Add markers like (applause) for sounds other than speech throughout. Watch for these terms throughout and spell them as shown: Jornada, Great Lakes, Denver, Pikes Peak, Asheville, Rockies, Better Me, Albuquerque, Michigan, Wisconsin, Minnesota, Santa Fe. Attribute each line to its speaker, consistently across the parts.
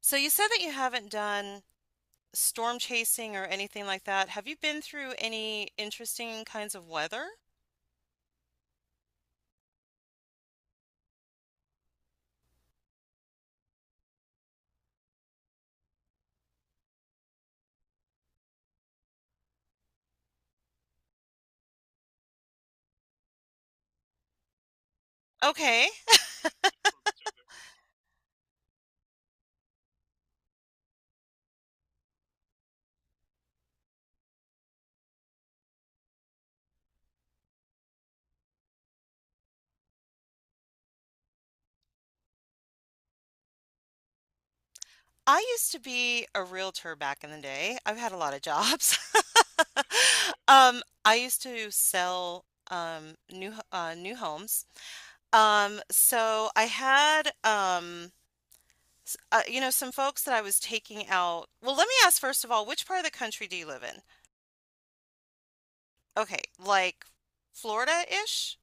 Speaker 1: So you said that you haven't done storm chasing or anything like that. Have you been through any interesting kinds of weather? Okay. I used to be a realtor back in the day. I've had a lot of jobs. (laughs) I used to sell new homes. So I had some folks that I was taking out. Well, let me ask first of all, which part of the country do you live in? Okay, like Florida-ish?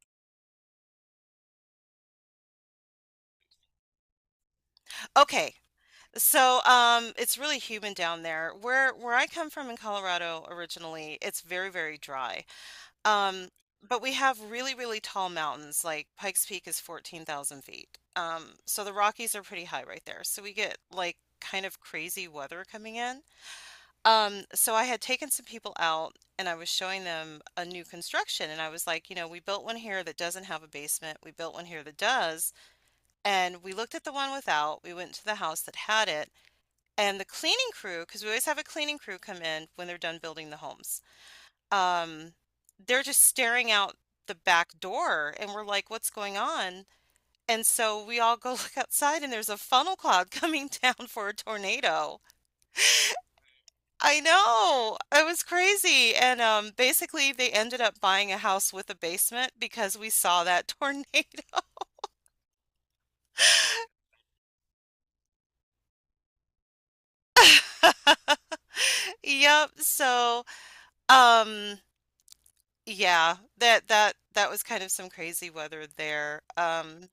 Speaker 1: Okay, So, it's really humid down there. Where I come from in Colorado originally, it's very, very dry. Um, but we have really, really tall mountains. Like Pikes Peak is 14,000 feet. So the Rockies are pretty high right there. So we get like kind of crazy weather coming in. So I had taken some people out and I was showing them a new construction and I was like, we built one here that doesn't have a basement. We built one here that does. And we looked at the one without. We went to the house that had it, and the cleaning crew, because we always have a cleaning crew come in when they're done building the homes, um, they're just staring out the back door, and we're like, "What's going on?" And so we all go (laughs) look outside, and there's a funnel cloud (laughs) coming down for a tornado. I know. It was crazy. And Basically, they ended up buying a house with a basement because we saw that tornado. (laughs) Yep. So, um, yeah, that was kind of some crazy weather there.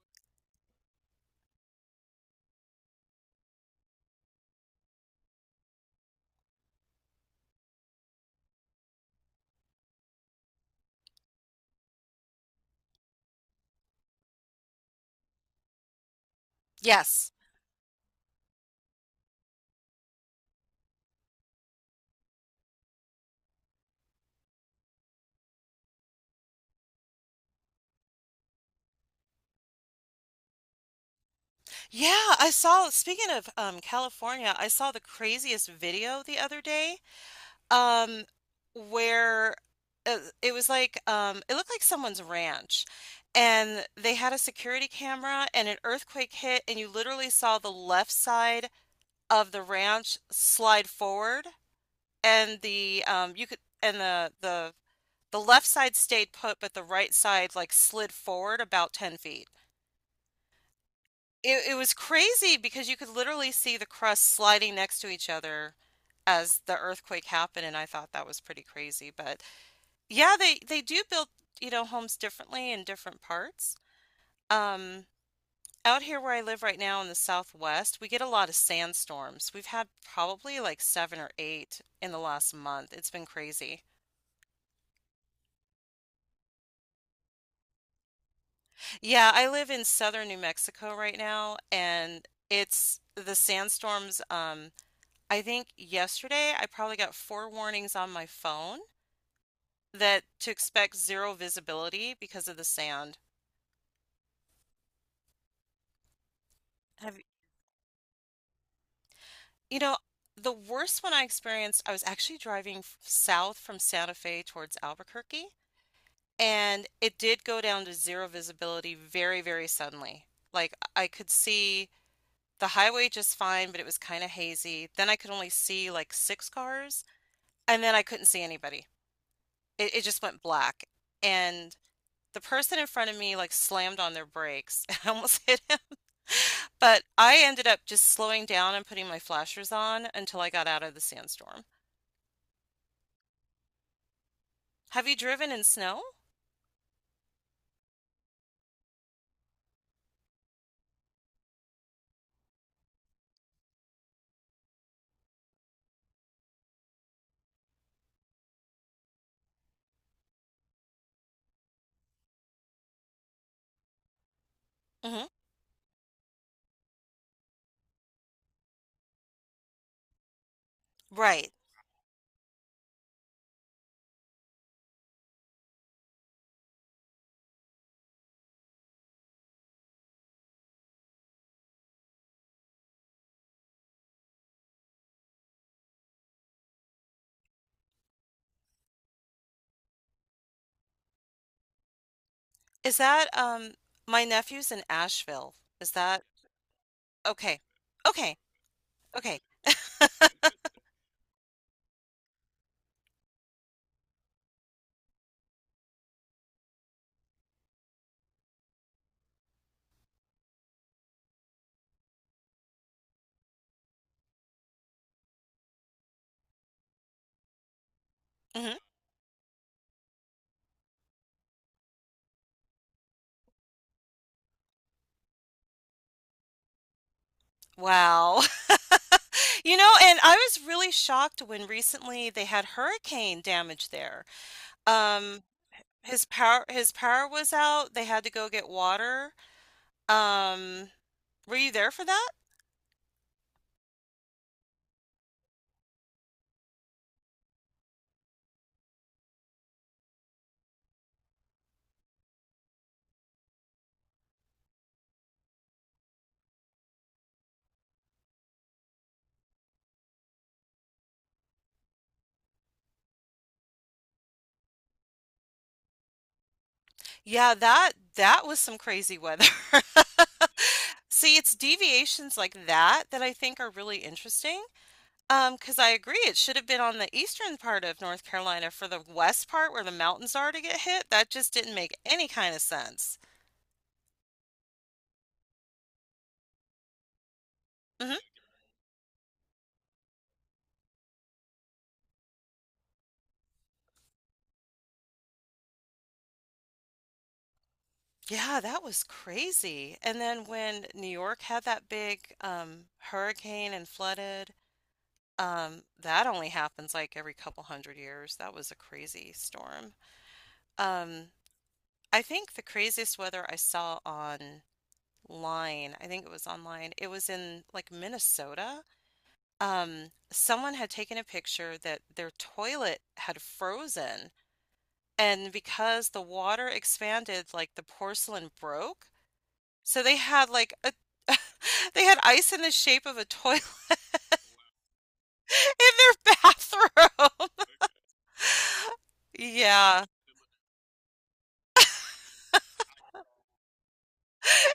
Speaker 1: Yes. Yeah, I saw, speaking of California, I saw the craziest video the other day um, where it was like, it looked like someone's ranch. And they had a security camera and an earthquake hit, and you literally saw the left side of the ranch slide forward, and the you could and the left side stayed put, but the right side like slid forward about 10 feet. It was crazy because you could literally see the crust sliding next to each other as the earthquake happened, and I thought that was pretty crazy. But yeah, they do build, homes differently in different parts. Um, Out here where I live right now in the southwest, we get a lot of sandstorms. We've had probably like seven or eight in the last month. It's been crazy. Yeah, I live in southern New Mexico right now, and it's the sandstorms. I think yesterday I probably got four warnings on my phone that to expect zero visibility because of the sand. Have you know, the worst one I experienced, I was actually driving south from Santa Fe towards Albuquerque, and it did go down to zero visibility very, very suddenly. Like I could see the highway just fine, but it was kind of hazy. Then I could only see like six cars, and then I couldn't see anybody. It just went black. And the person in front of me like slammed on their brakes. (laughs) I almost hit him. But I ended up just slowing down and putting my flashers on until I got out of the sandstorm. Have you driven in snow? Hmm Right. Is that my nephew's in Asheville? Is that okay? Okay. Okay. hmm Wow. (laughs) You know, and I was really shocked when recently they had hurricane damage there. Um, his power was out. They had to go get water. Um, were you there for that? Yeah, that was some crazy weather. (laughs) See, it's deviations like that that I think are really interesting. 'Cause I agree, it should have been on the eastern part of North Carolina for the west part where the mountains are to get hit. That just didn't make any kind of sense. Mm-hmm. Yeah, that was crazy. And then when New York had that big hurricane and flooded, that only happens like every couple hundred years. That was a crazy storm. Um, I think the craziest weather I saw online, I think it was online, it was in like Minnesota. Someone had taken a picture that their toilet had frozen, and because the water expanded, like the porcelain broke. So they had like a (laughs) they had ice in the shape of a toilet (laughs) in their bathroom. (laughs) Yeah.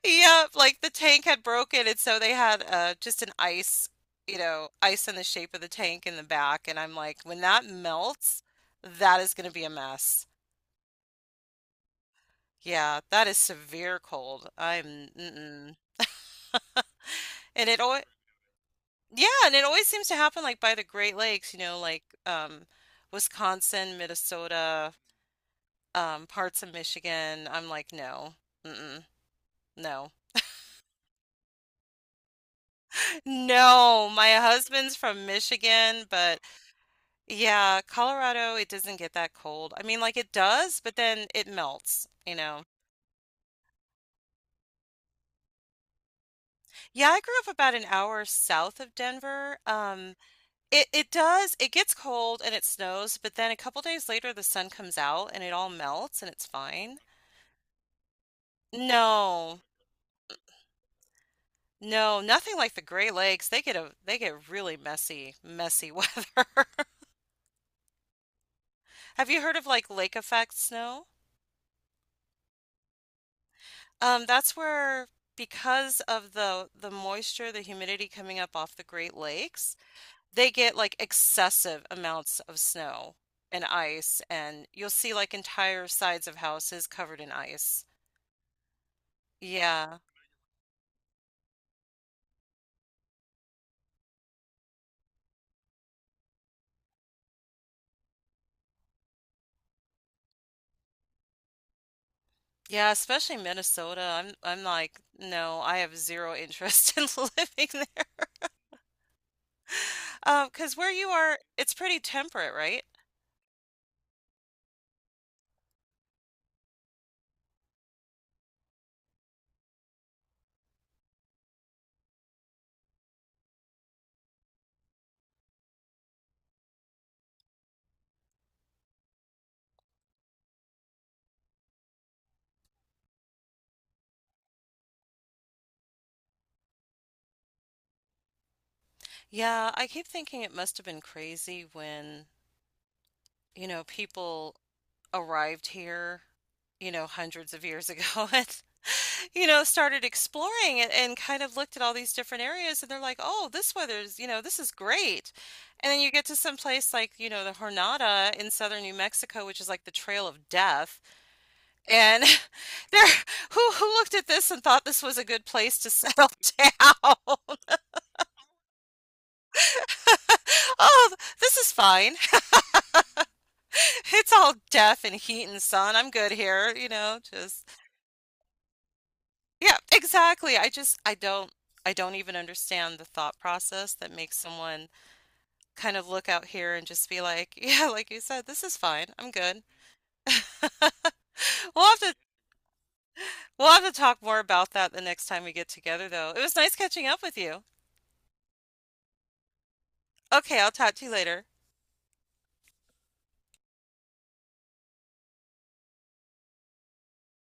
Speaker 1: Yep, like the tank had broken and so they had just an ice, you know, ice in the shape of the tank in the back, and I'm like, when that melts, that is going to be a mess. Yeah, that is severe cold. I'm mm-mm. (laughs) And it always, yeah, and it always seems to happen like by the Great Lakes, you know, like Wisconsin, Minnesota, parts of Michigan. I'm like, no, mm-mm, no, no. My husband's from Michigan, but yeah, Colorado, it doesn't get that cold. I mean, like it does, but then it melts, you know. Yeah, I grew up about an hour south of Denver. It does, it gets cold and it snows, but then a couple days later the sun comes out and it all melts and it's fine. No. No, nothing like the Great Lakes. They get really messy, messy (laughs) weather. Have you heard of like lake effect snow? That's where because of the moisture, the humidity coming up off the Great Lakes, they get like excessive amounts of snow and ice, and you'll see like entire sides of houses covered in ice. Yeah. Yeah, especially Minnesota. I'm like, no, I have zero interest (laughs) in living there. 'Cause where you are, it's pretty temperate, right? Yeah, I keep thinking it must have been crazy when, you know, people arrived here, you know, hundreds of years ago (laughs) and, you know, started exploring it and kind of looked at all these different areas and they're like, oh, this weather's, you know, this is great. And then you get to some place like, you know, the Jornada in southern New Mexico, which is like the Trail of Death. And (laughs) there, who looked at this and thought this was a good place to settle (laughs) down? (laughs) Oh, this is fine. (laughs) It's all death and heat and sun. I'm good here, you know, just yeah, exactly. I just I don't even understand the thought process that makes someone kind of look out here and just be like, (laughs) yeah, like you said, this is fine. I'm good. We'll have to we'll have to talk more about that the next time we get together though. It was nice catching up with you. Okay, I'll talk to you later.